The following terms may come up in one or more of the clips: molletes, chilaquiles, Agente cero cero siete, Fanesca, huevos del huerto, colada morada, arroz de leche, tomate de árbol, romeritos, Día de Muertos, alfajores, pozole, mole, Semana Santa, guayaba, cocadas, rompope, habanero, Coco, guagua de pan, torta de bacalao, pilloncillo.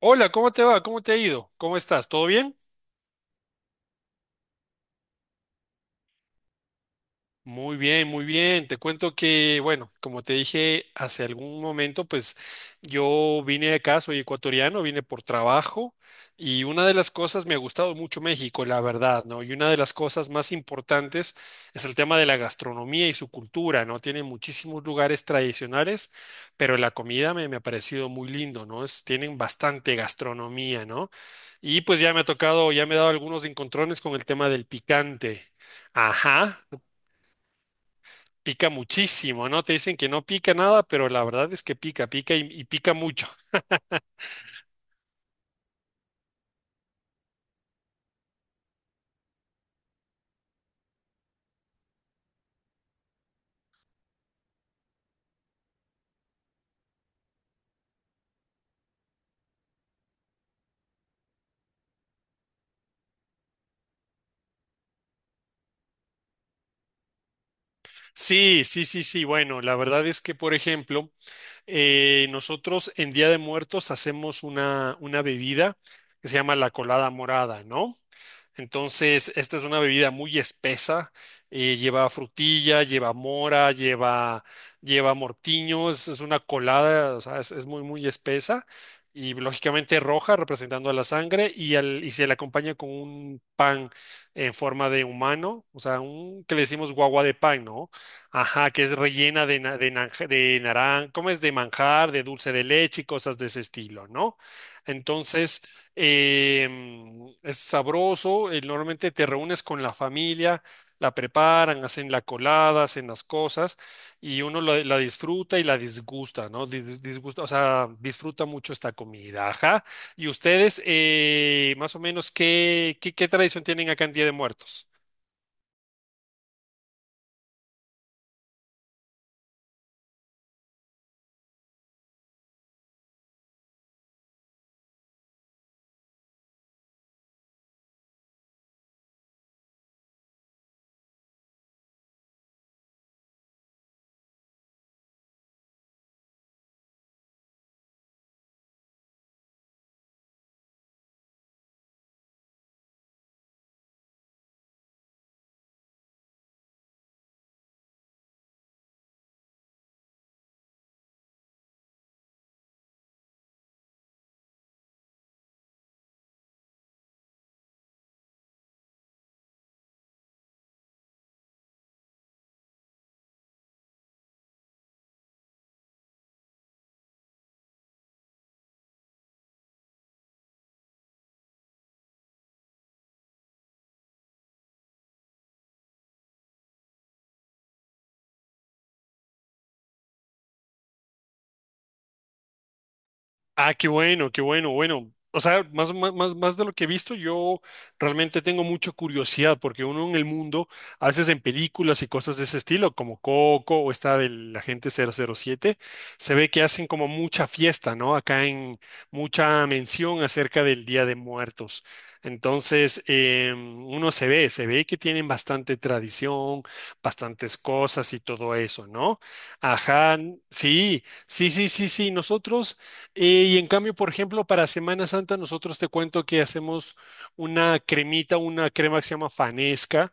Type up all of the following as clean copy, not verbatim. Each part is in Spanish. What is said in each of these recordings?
Hola, ¿cómo te va? ¿Cómo te ha ido? ¿Cómo estás? ¿Todo bien? Muy bien, muy bien. Te cuento que, bueno, como te dije hace algún momento, pues yo vine acá, soy ecuatoriano, vine por trabajo y una de las cosas, me ha gustado mucho México, la verdad, ¿no? Y una de las cosas más importantes es el tema de la gastronomía y su cultura, ¿no? Tiene muchísimos lugares tradicionales, pero la comida me ha parecido muy lindo, ¿no? Tienen bastante gastronomía, ¿no? Y pues ya me ha tocado, ya me he dado algunos encontrones con el tema del picante. Ajá, pica muchísimo, ¿no? Te dicen que no pica nada, pero la verdad es que pica, pica y pica mucho. Sí, sí, sí, sí. Bueno, la verdad es que, por ejemplo, nosotros en Día de Muertos hacemos una bebida que se llama la colada morada, ¿no? Entonces, esta es una bebida muy espesa. Lleva frutilla, lleva mora, lleva mortiño. Es una colada, o sea, es muy, muy espesa. Y lógicamente roja, representando a la sangre. Y se le acompaña con un pan en forma de humano, o sea, un que le decimos guagua de pan, ¿no? Ajá, que es rellena de naranja, de naran- ¿cómo es? De manjar, de dulce de leche y cosas de ese estilo, ¿no? Entonces eh, es sabroso, normalmente te reúnes con la familia, la preparan, hacen la colada, hacen las cosas y uno la disfruta y la disgusta, ¿no? Disgusta, o sea, disfruta mucho esta comida, ajá. ¿Y ustedes, más o menos, qué tradición tienen acá en Día de Muertos? Ah, qué bueno, bueno. O sea, más de lo que he visto, yo realmente tengo mucha curiosidad porque uno en el mundo, a veces en películas y cosas de ese estilo, como Coco o esta del Agente 007 se ve que hacen como mucha fiesta, ¿no? Acá en mucha mención acerca del Día de Muertos. Entonces, uno se ve que tienen bastante tradición, bastantes cosas y todo eso, ¿no? Ajá, sí, sí, sí, sí, sí, nosotros. Y en cambio, por ejemplo, para Semana Santa nosotros te cuento que hacemos una cremita, una crema que se llama Fanesca.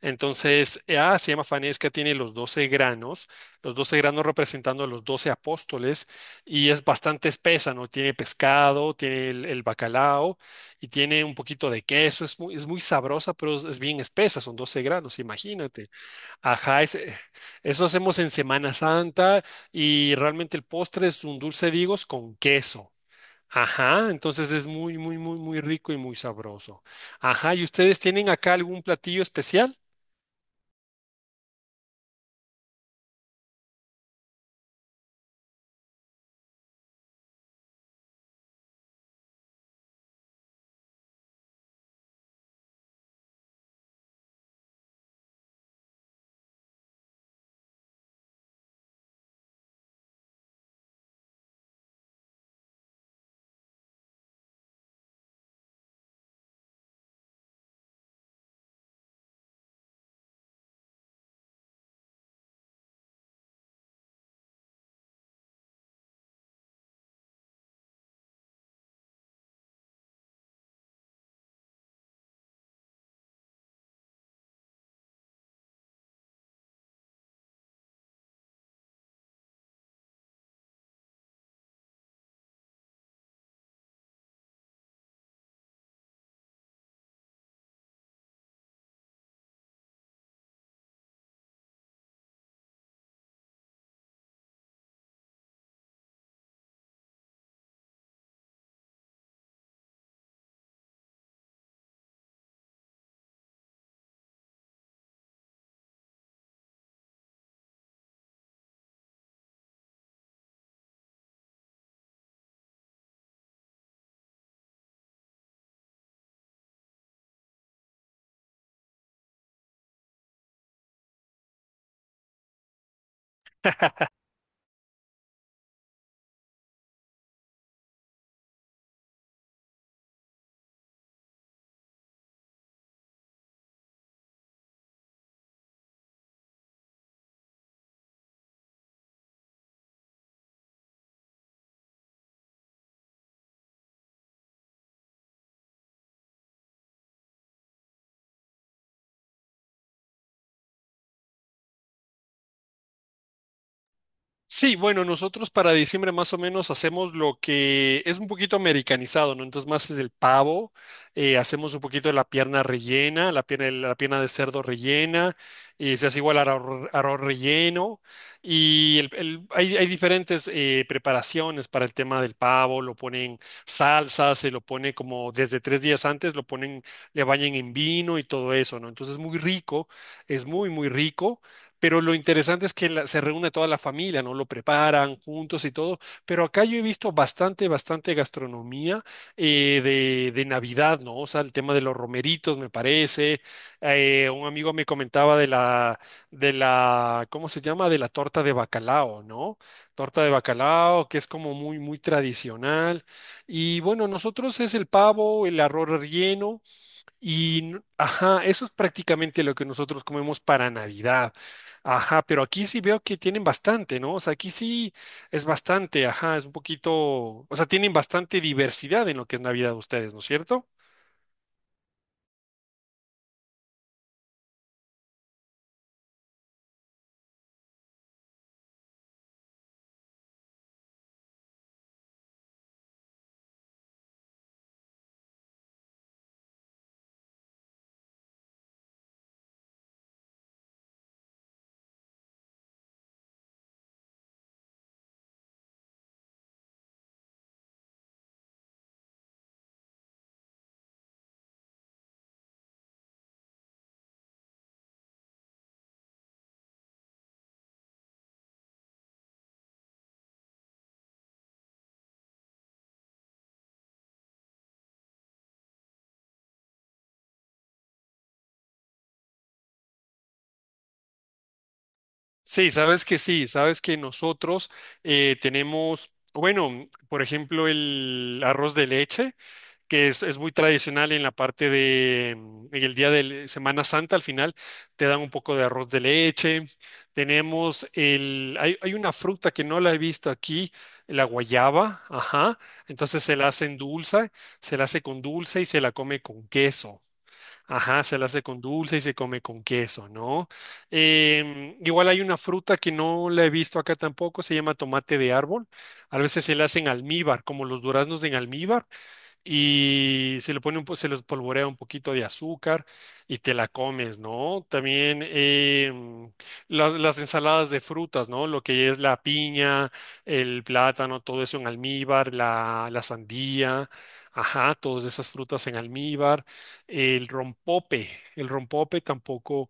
Entonces, se llama Fanesca, tiene los 12 granos representando a los 12 apóstoles y es bastante espesa, ¿no? Tiene pescado, tiene el bacalao y tiene un poquito de queso. Es muy sabrosa, pero es bien espesa, son 12 granos, imagínate. Ajá, eso hacemos en Semana Santa y realmente el postre es un dulce de higos con queso. Ajá, entonces es muy rico y muy sabroso. Ajá, ¿y ustedes tienen acá algún platillo especial? Sí, bueno, nosotros para diciembre más o menos hacemos lo que es un poquito americanizado, ¿no? Entonces más es el pavo, hacemos un poquito de la pierna rellena, la pierna de cerdo rellena, y se hace igual arroz, arroz relleno, y hay, hay diferentes preparaciones para el tema del pavo, lo ponen salsa, se lo pone como desde tres días antes, lo ponen, le bañan en vino y todo eso, ¿no? Entonces es muy rico, es muy, muy rico. Pero lo interesante es que se reúne toda la familia, ¿no? Lo preparan juntos y todo. Pero acá yo he visto bastante, bastante gastronomía de Navidad, ¿no? O sea, el tema de los romeritos, me parece. Un amigo me comentaba de la, ¿cómo se llama? De la torta de bacalao, ¿no? Torta de bacalao, que es como muy, muy tradicional. Y bueno, nosotros es el pavo, el arroz relleno y ajá, eso es prácticamente lo que nosotros comemos para Navidad. Ajá, pero aquí sí veo que tienen bastante, ¿no? O sea, aquí sí es bastante, ajá, es un poquito, o sea, tienen bastante diversidad en lo que es Navidad ustedes, ¿no es cierto? Sí, sabes que nosotros tenemos, bueno, por ejemplo, el arroz de leche. Que es muy tradicional en la parte de, en el día de Semana Santa, al final te dan un poco de arroz de leche. Tenemos el, hay una fruta que no la he visto aquí, la guayaba, ajá. Entonces se la hacen dulce, se la hace con dulce y se la come con queso. Ajá, se la hace con dulce y se come con queso, ¿no? Igual hay una fruta que no la he visto acá tampoco, se llama tomate de árbol. A veces se la hacen almíbar, como los duraznos en almíbar y se le pone se les polvorea un poquito de azúcar y te la comes, ¿no? También em, las ensaladas de frutas, ¿no? Lo que es la piña, el plátano, todo eso en almíbar, la sandía, ajá, todas esas frutas en almíbar, el rompope, el rompope tampoco.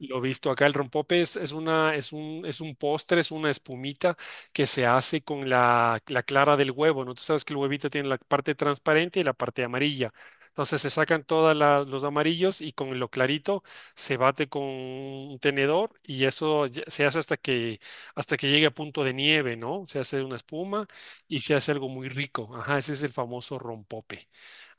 Lo he visto acá, el rompope es un postre, es una espumita que se hace con la clara del huevo, ¿no? Tú sabes que el huevito tiene la parte transparente y la parte amarilla. Entonces se sacan todos los amarillos y con lo clarito se bate con un tenedor y se hace hasta que llegue a punto de nieve, ¿no? Se hace una espuma y se hace algo muy rico. Ajá, ese es el famoso rompope.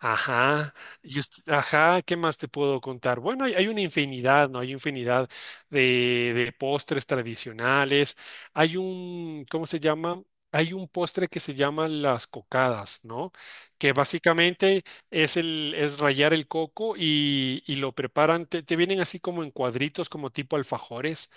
Ajá, ¿qué más te puedo contar? Bueno, hay una infinidad, ¿no? Hay infinidad de postres tradicionales. Hay un, ¿cómo se llama? Hay un postre que se llama las cocadas, ¿no? Que básicamente es el, es rallar el coco y lo preparan, te vienen así como en cuadritos, como tipo alfajores,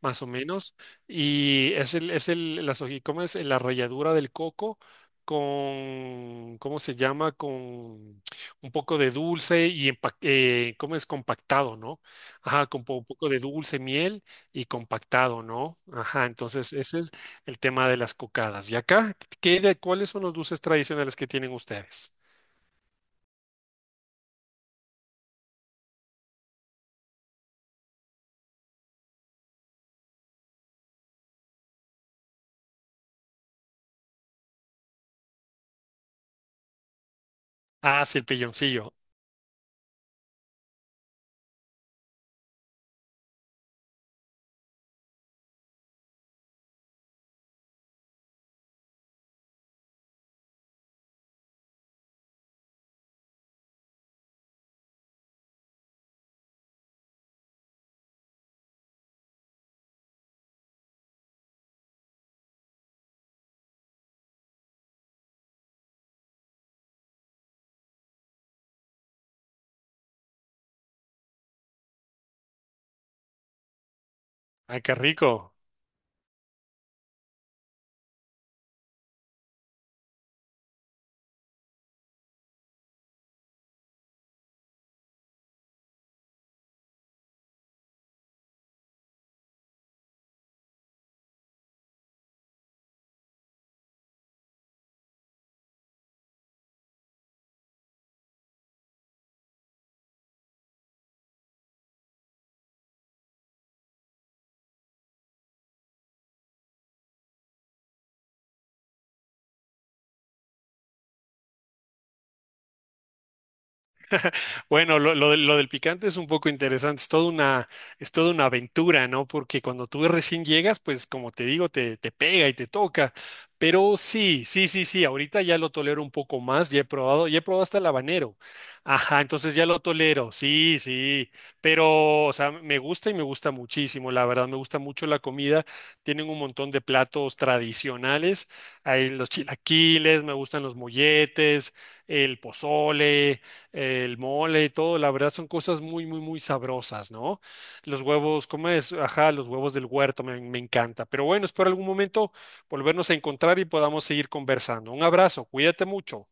más o menos, y es el, las hoji- ¿cómo es? la ralladura del coco con, ¿cómo se llama? Con un poco de dulce y empa- ¿cómo es? compactado, ¿no? Ajá, un poco de dulce, miel y compactado, ¿no? Ajá, entonces ese es el tema de las cocadas. ¿Y acá qué de cuáles son los dulces tradicionales que tienen ustedes? Ah, sí, el pilloncillo. Ay, qué rico. Bueno, lo del picante es un poco interesante, es toda una aventura, ¿no? Porque cuando tú recién llegas, pues como te digo, te pega y te toca. Pero sí, sí, sí, sí, ahorita ya lo tolero un poco más, ya he probado hasta el habanero. Ajá, entonces ya lo tolero, sí, sí. Pero, o sea, me gusta y me gusta muchísimo, la verdad, me gusta mucho la comida. Tienen un montón de platos tradicionales, hay los chilaquiles, me gustan los molletes, el pozole, el mole y todo, la verdad son cosas muy, muy, muy sabrosas, ¿no? Los huevos, ¿cómo es? Ajá, los huevos del huerto me, me encanta. Pero bueno, espero algún momento volvernos a encontrar y podamos seguir conversando. Un abrazo, cuídate mucho.